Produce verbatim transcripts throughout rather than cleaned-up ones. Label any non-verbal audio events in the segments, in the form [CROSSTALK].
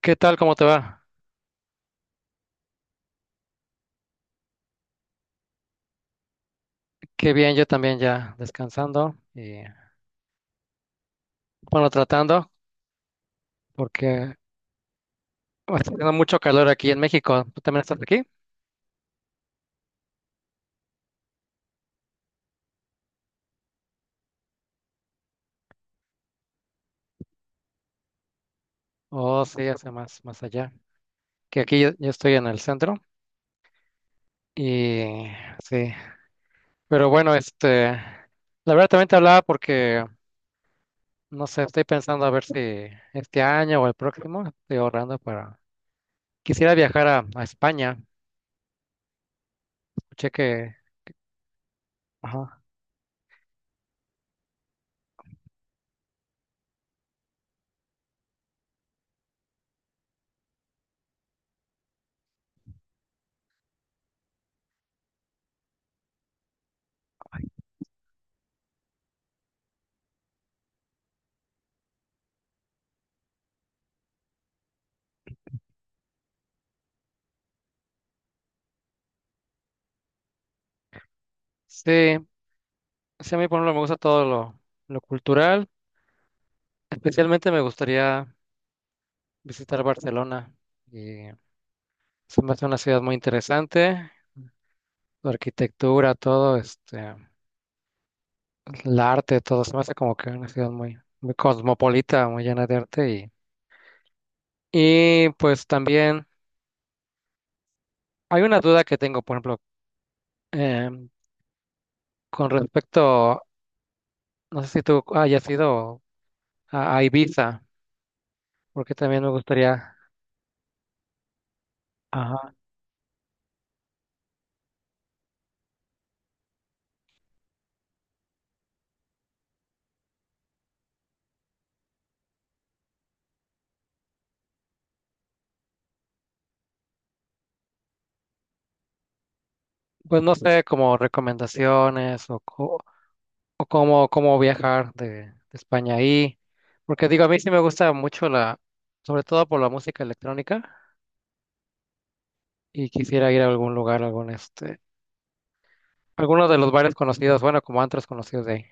¿Qué tal? ¿Cómo te va? Qué bien, yo también ya descansando y bueno, tratando porque [LAUGHS] está haciendo mucho calor aquí en México. ¿Tú también estás aquí? Oh, sí, hace más, más allá. Que aquí yo, yo estoy en el centro y sí. Pero bueno, este, la verdad también te hablaba porque, no sé, estoy pensando a ver si este año o el próximo estoy ahorrando para... Quisiera viajar a, a España. Escuché que... Ajá. Sí, sí, a mí por ejemplo me gusta todo lo, lo cultural. Especialmente me gustaría visitar Barcelona. Y se me hace una ciudad muy interesante. Su arquitectura, todo, este, el arte, todo. Se me hace como que una ciudad muy, muy cosmopolita, muy llena de arte. Y, y pues también hay una duda que tengo, por ejemplo, em, con respecto, no sé si tú hayas ido a, a Ibiza, porque también me gustaría, ajá, pues no sé, como recomendaciones o, co- o cómo, cómo viajar de, de España ahí. Porque digo, a mí sí me gusta mucho la, sobre todo por la música electrónica, y quisiera ir a algún lugar, algún este, alguno de los bares conocidos, bueno, como antros conocidos de ahí.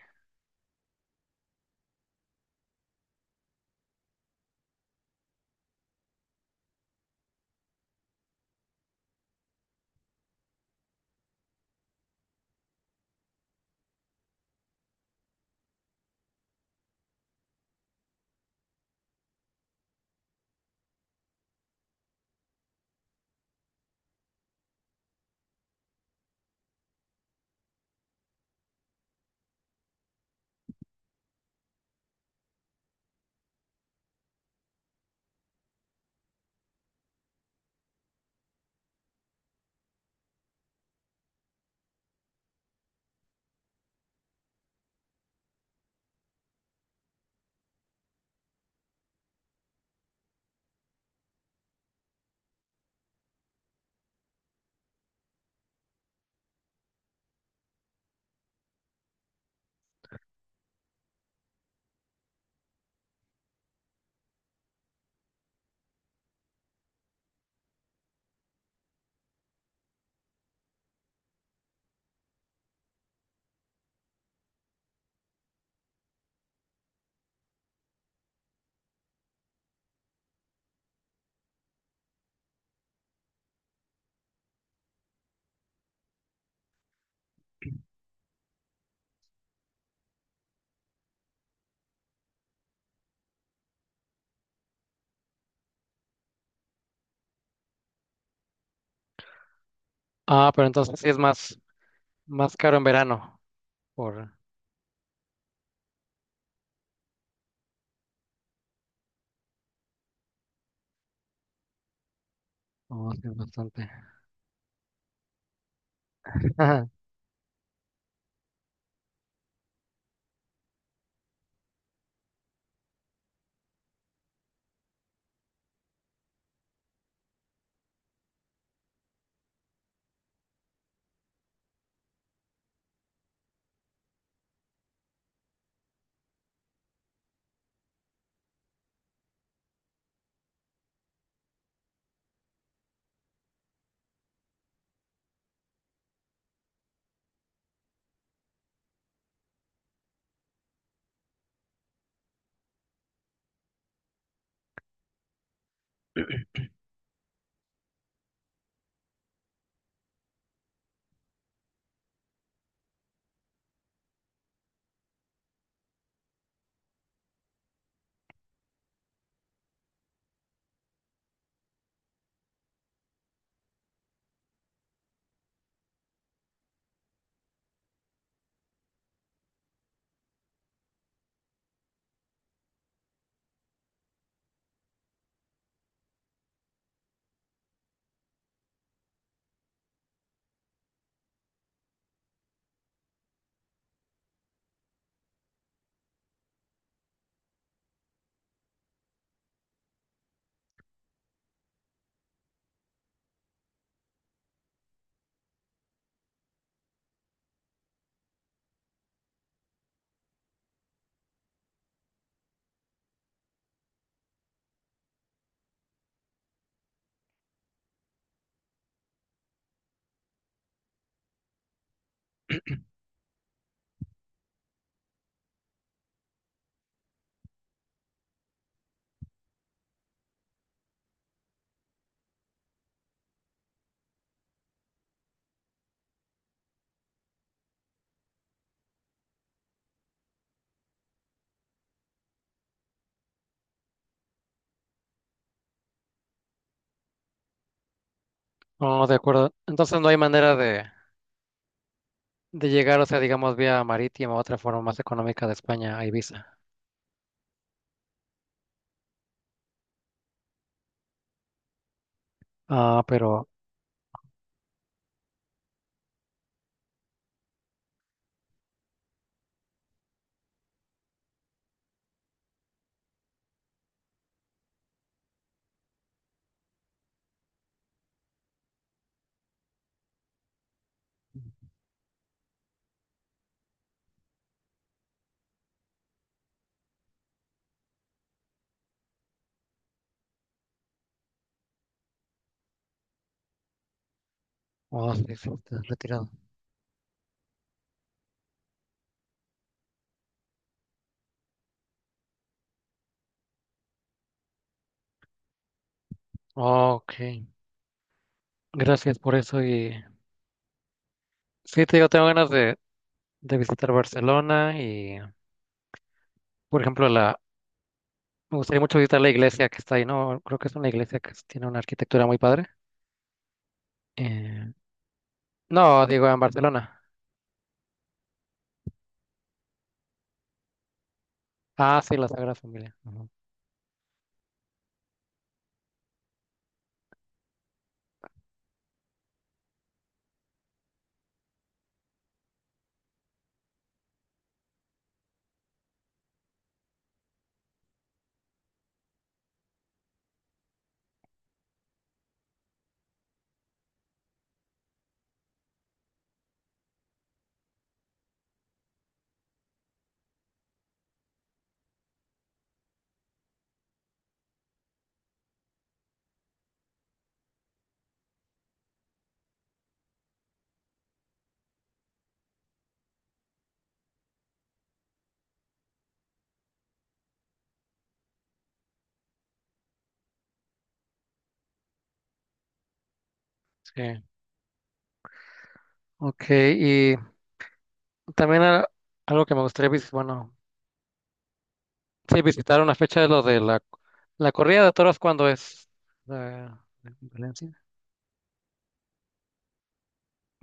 Ah, pero entonces sí es más, más caro en verano, por, oh, sí, bastante. [LAUGHS] Ajá. No, de acuerdo. Entonces no hay manera de, de llegar, o sea, digamos, vía marítima, otra forma más económica de España a Ibiza. Ah, pero, oh, sí, sí, está retirado. Ok, gracias por eso y sí, te digo, tengo ganas de, de visitar Barcelona y, por ejemplo, la, me gustaría mucho visitar la iglesia que está ahí, ¿no? Creo que es una iglesia que s- tiene una arquitectura muy padre. Eh, no, digo, en Barcelona. Ah, sí, la Sagrada Familia. Ujú. Sí, ok. Y también a- algo que me gustaría visitar, bueno, sí, visitar una fecha de lo de la, la corrida de toros, cuando es? La, la competencia.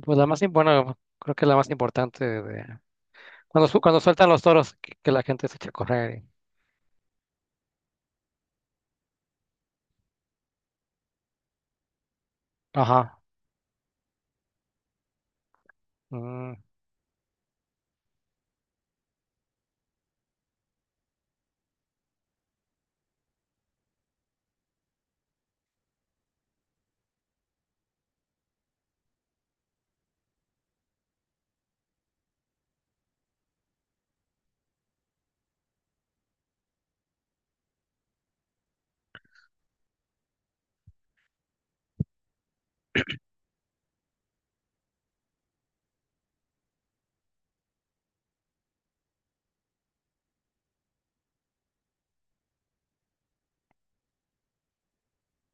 Pues la más, im- bueno, creo que la más importante de... Cuando, su- cuando sueltan los toros, que, que la gente se echa a correr. Y ajá. Mm,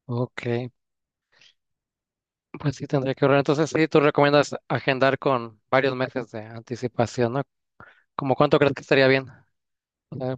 ok, pues sí tendría que ahorrar. Entonces sí, tú recomiendas agendar con varios meses de anticipación, ¿no? ¿Cómo cuánto crees que estaría bien? O sea,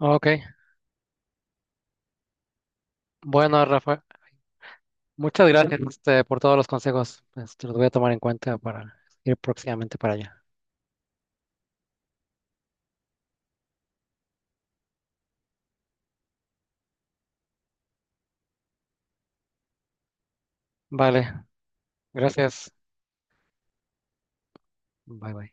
ok, bueno, Rafa, muchas gracias este, por todos los consejos. Este, los voy a tomar en cuenta para ir próximamente para allá. Vale, gracias. Bye bye.